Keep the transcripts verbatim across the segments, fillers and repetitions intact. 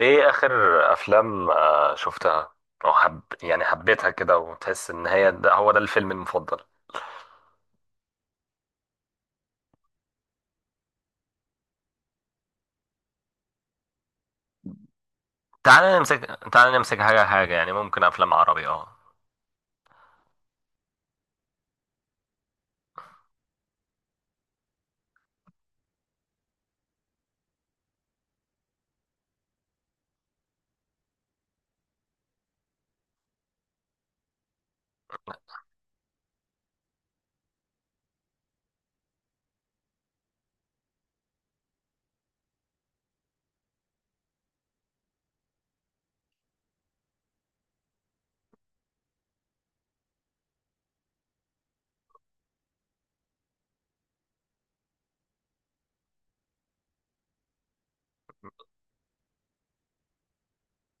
ايه اخر افلام آه، شفتها او حب، يعني حبيتها كده وتحس ان هي ده هو ده الفيلم المفضل؟ تعال نمسك تعال نمسك حاجه حاجه، يعني ممكن افلام عربي. اه،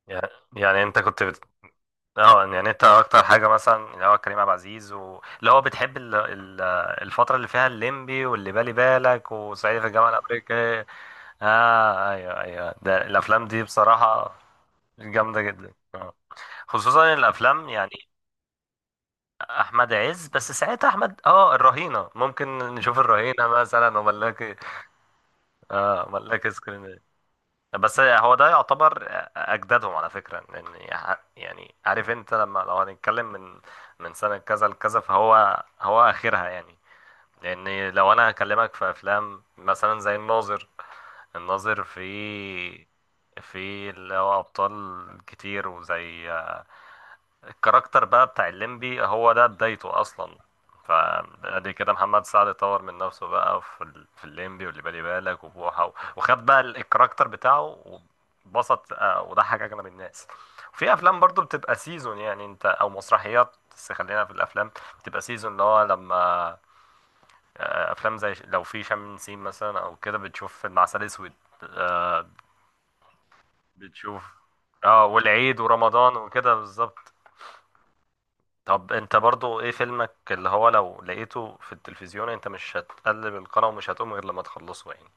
يعني يعني انت كنت بت... اه، يعني انت اكتر حاجه مثلا اللي هو كريم عبد العزيز و... اللي هو بتحب ال... ال... الفتره اللي فيها الليمبي واللي بالي بالك وصعيدي في الجامعه الامريكيه. اه ايوه ايوه، ده الافلام دي بصراحه جامده جدا آه. خصوصا الافلام يعني. احمد عز، بس ساعتها احمد اه الرهينه، ممكن نشوف الرهينه مثلا وملاك. اه، ملاك سكرين. بس هو ده يعتبر اجدادهم على فكره، لان يع- يعني عارف انت لما لو هنتكلم من من سنه كذا لكذا، فهو هو اخرها يعني. لان لو انا هكلمك في افلام مثلا زي الناظر، الناظر في في اللي هو ابطال كتير، وزي آه، الكاركتر بقى بتاع الليمبي، هو ده بدايته اصلا. فادي كده محمد سعد طور من نفسه بقى في ال- في الليمبي واللي بالي بالك وبوحه و- وخد بقى ال- الكاركتر بتاعه. وبسط آه، وضحك اغلب الناس. في افلام برضو بتبقى سيزون، يعني انت او مسرحيات، بس خلينا في الافلام. بتبقى سيزون اللي هو لما آه، افلام زي ش- لو في شم نسيم مثلا او كده، بتشوف فيلم عسل اسود. آه، بتشوف، اه، والعيد ورمضان وكده بالظبط. طب انت برضو ايه فيلمك اللي هو لو لقيته في التلفزيون انت مش هتقلب القناة ومش هتقوم غير لما تخلصه يعني؟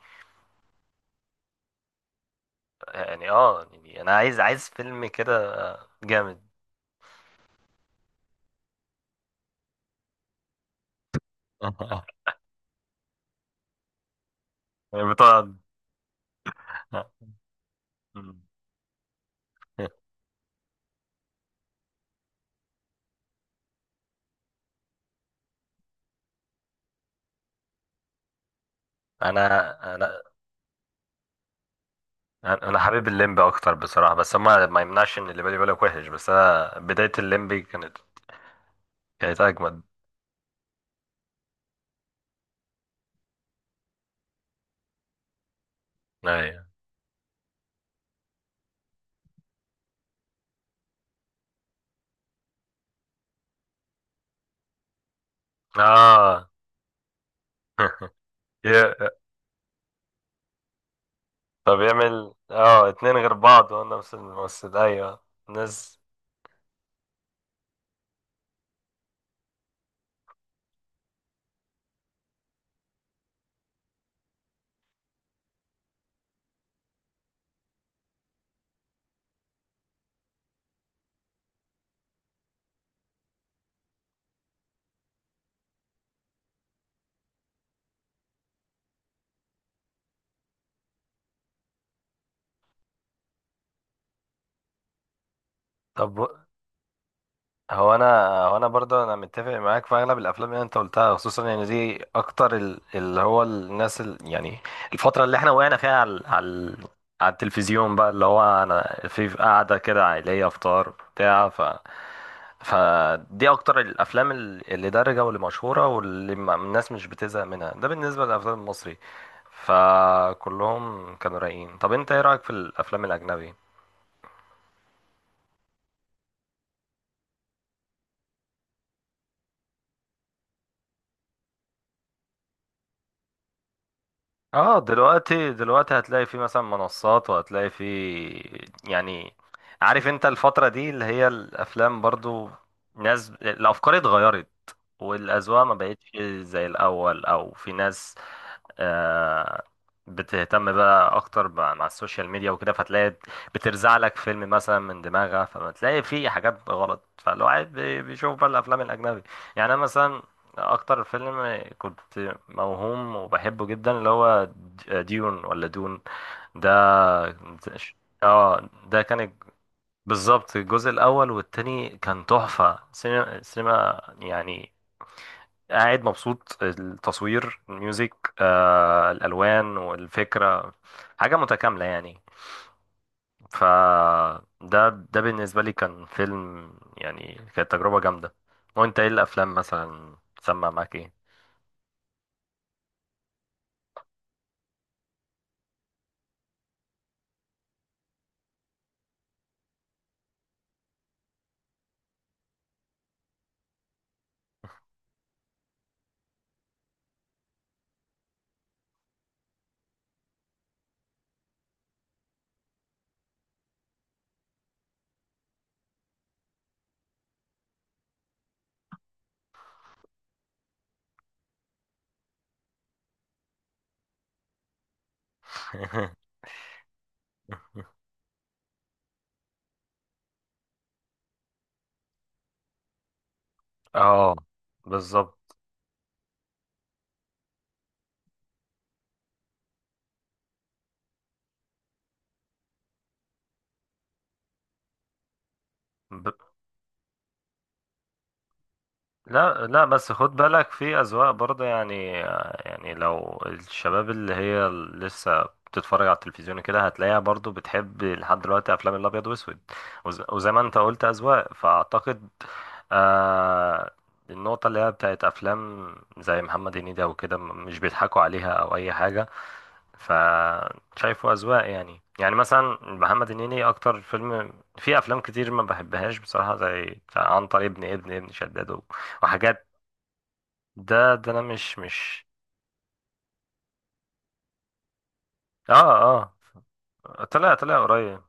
يعني اه، يعني انا عايز عايز فيلم كده جامد. يعني بتقعد. انا انا انا حابب الليمبي اكتر بصراحة، بس ما ما يمنعش ان اللي بالي بالك وحش، بس انا بداية الليمبي كانت كانت اجمد. ايوه اه. ي- طب يعمل اه اتنين غير بعض وانا نفس الممثل. ايوه ناس. طب هو انا هو انا برضه انا متفق معاك في اغلب الافلام اللي انت قلتها، خصوصا يعني دي اكتر ال- اللي هو الناس ال- يعني الفتره اللي احنا وقعنا فيها على على على التلفزيون بقى، اللي هو انا في في قعده كده عائليه افطار بتاع ف فدي اكتر الافلام ال- اللي دارجه واللي مشهوره واللي ما- الناس مش بتزهق منها، ده بالنسبه للافلام المصري. فكلهم كانوا رايقين. طب انت ايه رايك في الافلام الاجنبي؟ اه دلوقتي دلوقتي هتلاقي في مثلا منصات، وهتلاقي في يعني، عارف انت الفترة دي اللي هي الافلام برضو، ناس الافكار اتغيرت والاذواق ما بقتش زي الاول، او في ناس آه، بتهتم بقى اكتر بقى مع السوشيال ميديا وكده، فتلاقي بترزع لك فيلم مثلا من دماغها، فبتلاقي فيه حاجات غلط، فالواحد بي- بيشوف بقى الافلام الاجنبي. يعني انا مثلا اكتر فيلم كنت موهوم وبحبه جدا، اللي هو د- آه، ديون ولا دون ده. اه ده كان بالظبط. الجزء الاول والتاني كان تحفة، سينما سينما يعني. قاعد مبسوط، التصوير، الميوزك، آه، الالوان والفكره، حاجه متكامله يعني. فده ده ده بالنسبه لي كان فيلم، يعني كانت تجربه جامده. وانت ايه الافلام مثلا سمع معاك ايه؟ اه بالظبط. لا لا، بس خد بالك في أذواق برضه يعني. يعني لو الشباب اللي هي لسه بتتفرج على التلفزيون كده، هتلاقيها برضه بتحب لحد دلوقتي أفلام الأبيض وأسود. وز- وزي ما أنت قلت أذواق، فأعتقد آه النقطة اللي هي بتاعت أفلام زي محمد هنيدي أو كده، م- مش بيضحكوا عليها أو أي حاجة، فشايفه أذواق يعني. يعني مثلا محمد هنيدي، أكتر فيلم في أفلام كتير ما بحبهاش بصراحة زي بتاع عنتر ابن ابن ابن شداد وحاجات. ده ده انا مش مش. اه اه. طلع طلع قريب.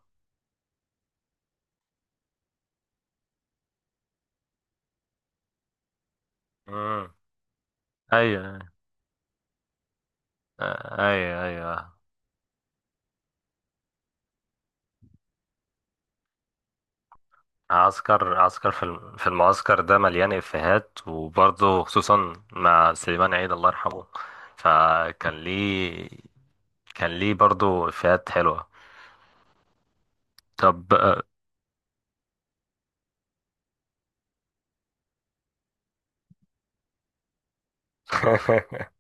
امم. ايوه آه، ايوه ايوه. عسكر عسكر في الم- في المعسكر ده مليان افيهات، وبرضه خصوصا مع سليمان عيد الله يرحمه، فكان ليه كان ليه برضه افيهات حلوة. طب آه،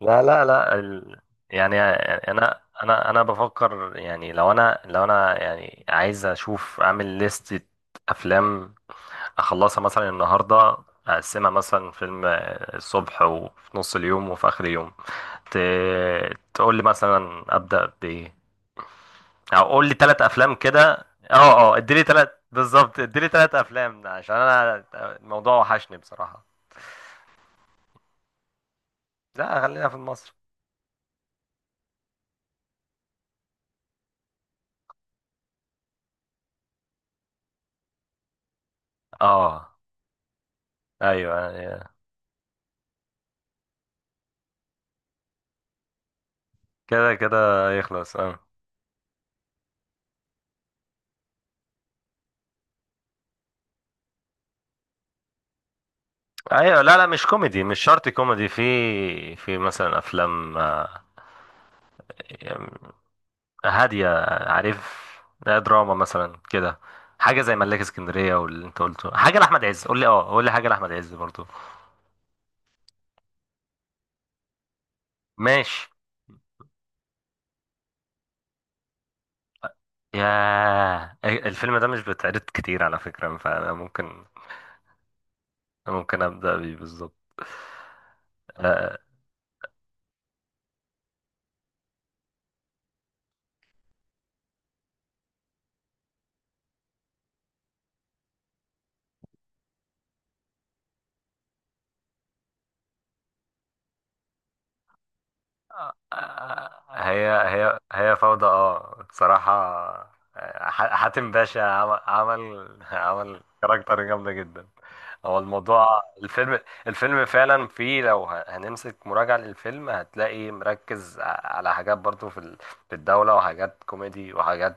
لا لا لا ال... يعني انا انا انا بفكر، يعني لو انا لو انا يعني عايز اشوف اعمل لستة افلام اخلصها مثلا النهارده. اقسمها مثلا فيلم الصبح، وفي نص اليوم، وفي اخر اليوم. ت... تقول لي مثلا ابدا بايه، او قول لي ثلاث افلام كده. اه اه، اديلي ثلاث بالظبط، اديلي ثلاث افلام عشان انا الموضوع وحشني بصراحه. لا، خلينا في مصر. اه، ايوه أيوة. كده كده يخلص اه. ايوه. لا لا، مش كوميدي. مش شرط كوميدي. في في مثلا افلام آه، هادية، عارف. لا، دراما مثلا كده، حاجة زي ملاك اسكندرية. واللي انت قلته حاجة لأحمد عز، قول لي، اه، قول لي حاجة لأحمد عز برضو. ماشي. يا الفيلم ده مش بيتعرض كتير على فكرة، فأنا ممكن ممكن أبدأ بيه بالظبط. آه، هي هي هي فوضى، اه بصراحة. آه، ح- حاتم باشا عمل عمل عمل كاركتر جامدة جدا. هو الموضوع الفيلم، الفيلم فعلا فيه لو ه- هنمسك مراجعة للفيلم، هتلاقي مركز ع- على حاجات برضو في ال- في الدولة، وحاجات كوميدي، وحاجات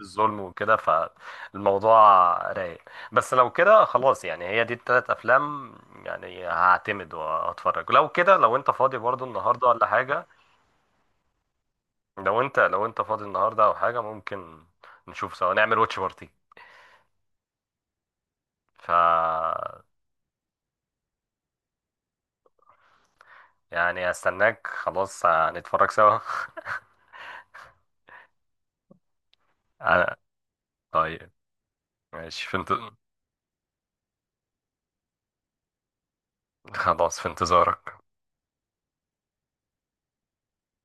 الظلم وكده، فالموضوع رايق. بس لو كده خلاص، يعني هي دي التلات أفلام، يعني هعتمد وهتفرج. لو كده، لو أنت فاضي برضو النهاردة ولا حاجة، لو انت لو انت فاضي النهارده او حاجه، ممكن نشوف سوا، نعمل واتش بارتي. ف يعني هستناك، خلاص هنتفرج سوا. آه، طيب ماشي. في انت... خلاص في انتظارك.